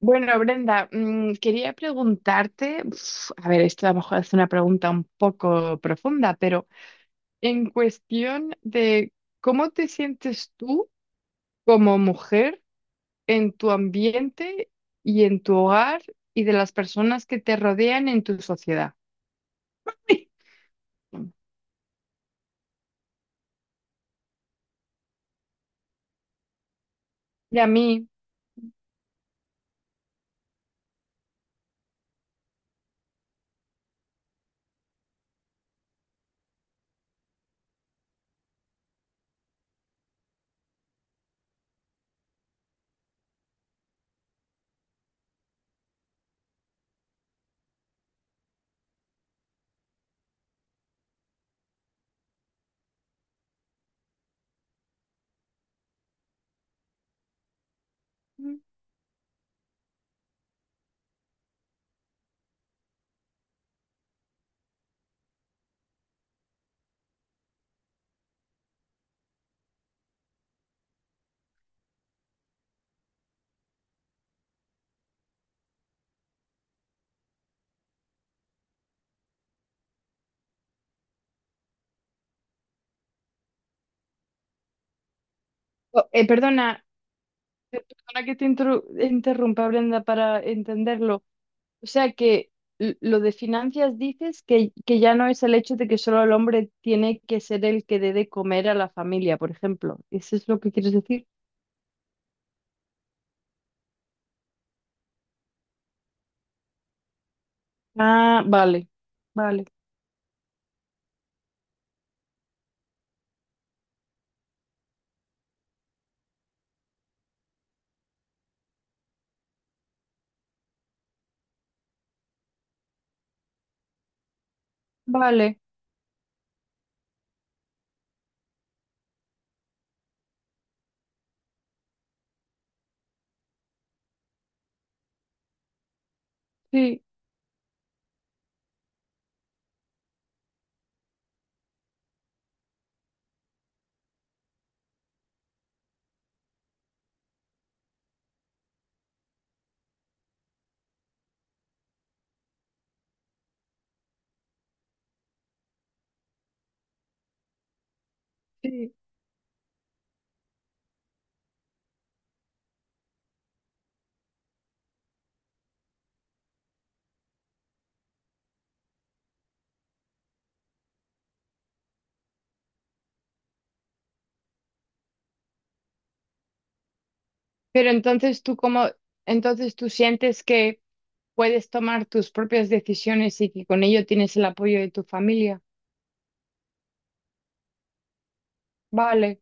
Bueno, Brenda, quería preguntarte, a ver, esto a lo mejor es una pregunta un poco profunda, pero en cuestión de cómo te sientes tú como mujer en tu ambiente y en tu hogar y de las personas que te rodean en tu sociedad. Y a mí, mm, oh, perdona, perdona que te interrumpa, Brenda, para entenderlo. O sea que lo de finanzas dices que ya no es el hecho de que solo el hombre tiene que ser el que dé de comer a la familia, por ejemplo. ¿Eso es lo que quieres decir? Ah, vale, vale, vale, sí, sí. Pero entonces entonces tú sientes que puedes tomar tus propias decisiones y que con ello tienes el apoyo de tu familia. Vale,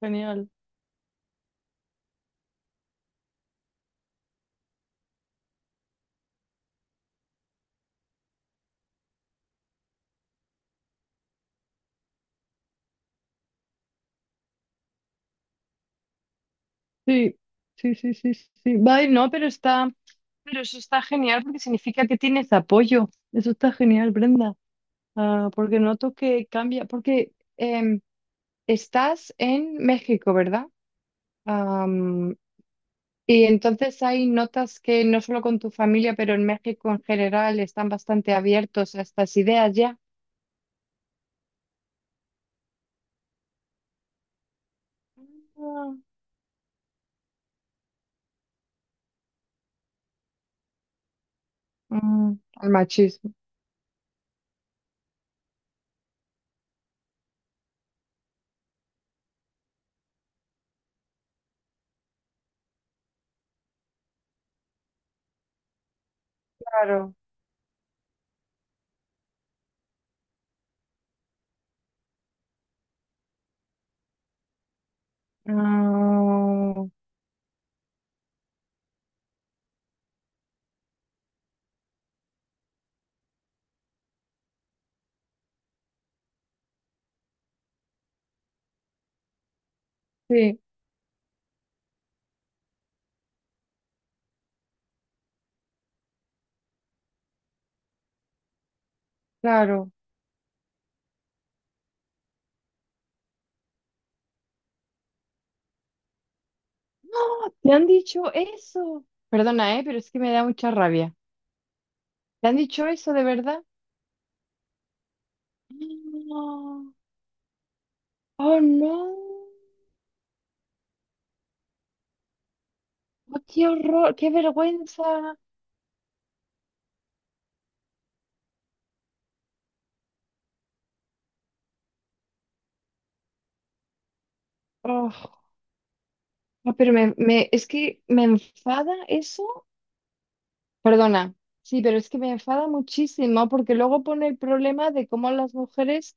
genial. Sí, sí, sí, sí, sí. Vale, no, pero está. Pero eso está genial porque significa que tienes apoyo. Eso está genial, Brenda. Ah, porque noto que cambia, porque estás en México, ¿verdad? Am, y entonces ahí notas que no solo con tu familia, pero en México en general están bastante abiertos a estas ideas ya. Ah, mm, al machismo. Claro. Ah, sí, claro. ¿Te han dicho eso? Perdona, pero es que me da mucha rabia. ¿Te han dicho eso de verdad? No. Oh, no. Oh, qué horror, qué vergüenza. Oh, no, pero es que me enfada eso. Perdona. Sí, pero es que me enfada muchísimo porque luego pone el problema de cómo las mujeres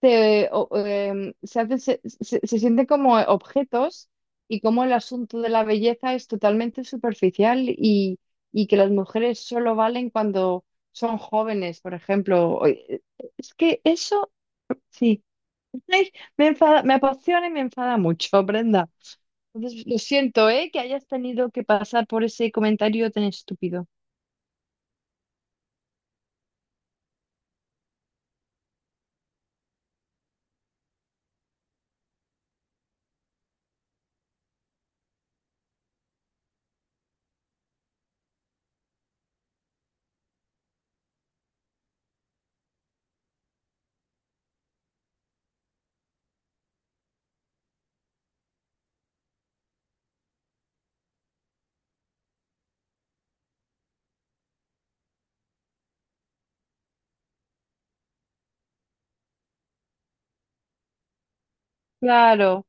se, o- em, se, hacen- se- se sienten como objetos y cómo el asunto de la belleza es totalmente superficial y que las mujeres solo valen cuando son jóvenes, por ejemplo. O- es que eso, sí. Ay, me enfada, me apasiona y me enfada mucho, Brenda. Entonces, lo siento, ¿eh? Que hayas tenido que pasar por ese comentario tan estúpido. Claro.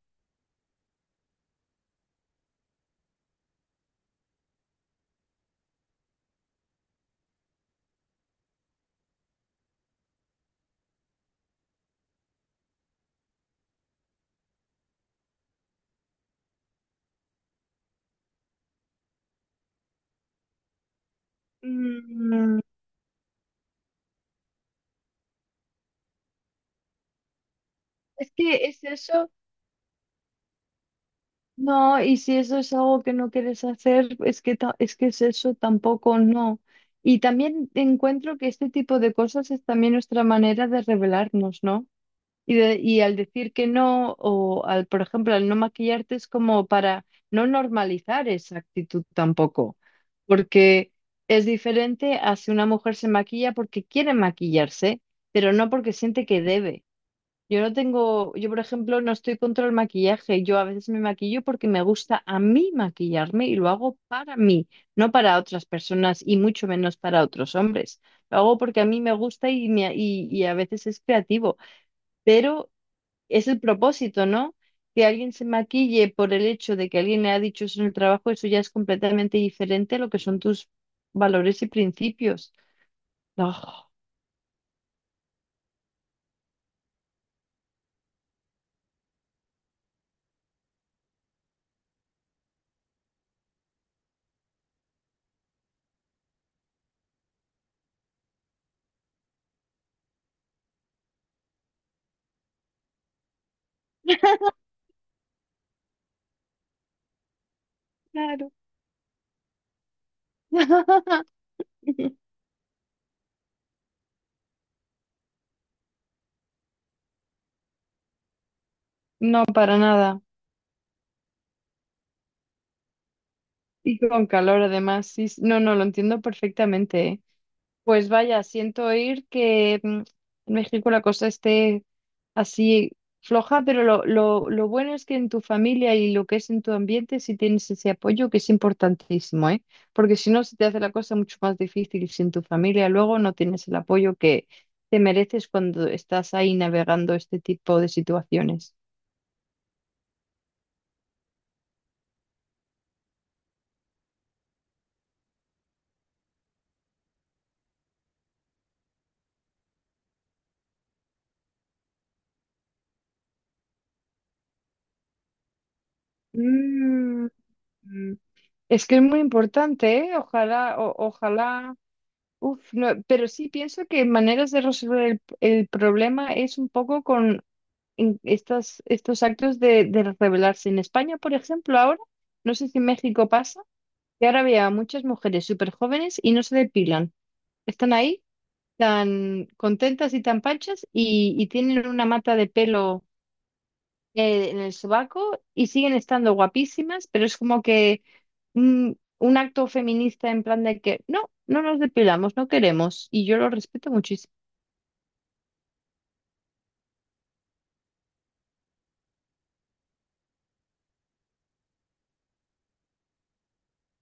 Mm, es que es eso. No, y si eso es algo que no quieres hacer, es que es eso tampoco, no. Y también encuentro que este tipo de cosas es también nuestra manera de revelarnos, ¿no? Y al decir que no, o al, por ejemplo, al no maquillarte es como para no normalizar esa actitud tampoco, porque es diferente a si una mujer se maquilla porque quiere maquillarse, pero no porque siente que debe. Yo no tengo, yo por ejemplo no estoy contra el maquillaje, yo a veces me maquillo porque me gusta a mí maquillarme y lo hago para mí, no para otras personas y mucho menos para otros hombres. Lo hago porque a mí me gusta y a veces es creativo. Pero es el propósito, ¿no? Que alguien se maquille por el hecho de que alguien le ha dicho eso en el trabajo, eso ya es completamente diferente a lo que son tus valores y principios. No, no, para nada. Y con calor además, sí, sí. No, no, lo entiendo perfectamente, ¿eh? Pues vaya, siento oír que en México la cosa esté así floja, pero lo bueno es que en tu familia y lo que es en tu ambiente sí tienes ese apoyo que es importantísimo, ¿eh? Porque si no, se te hace la cosa mucho más difícil si en tu familia luego no tienes el apoyo que te mereces cuando estás ahí navegando este tipo de situaciones. Mm, mm. Es que es muy importante, ¿eh? Ojalá. Uf, no, pero sí pienso que maneras de resolver el problema es un poco con estas, estos actos de rebelarse. En España, por ejemplo, ahora, no sé si en México pasa, que ahora veo a muchas mujeres súper jóvenes y no se depilan. Están ahí tan contentas y tan panchas y tienen una mata de pelo en el sobaco y siguen estando guapísimas, pero es como que mm, un acto feminista en plan de que no, no nos depilamos, no queremos, y yo lo respeto muchísimo.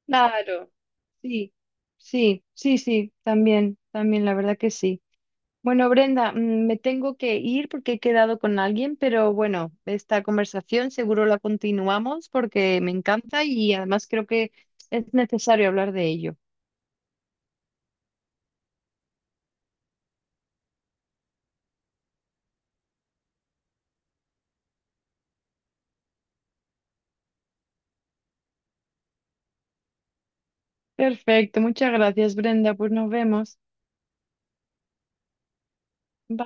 Claro. Sí, sí, sí, sí, también, también, la verdad que sí. Bueno, Brenda, me tengo que ir porque he quedado con alguien, pero bueno, esta conversación seguro la continuamos porque me encanta y además creo que es necesario hablar de ello. Perfecto, muchas gracias, Brenda, pues nos vemos. Bye.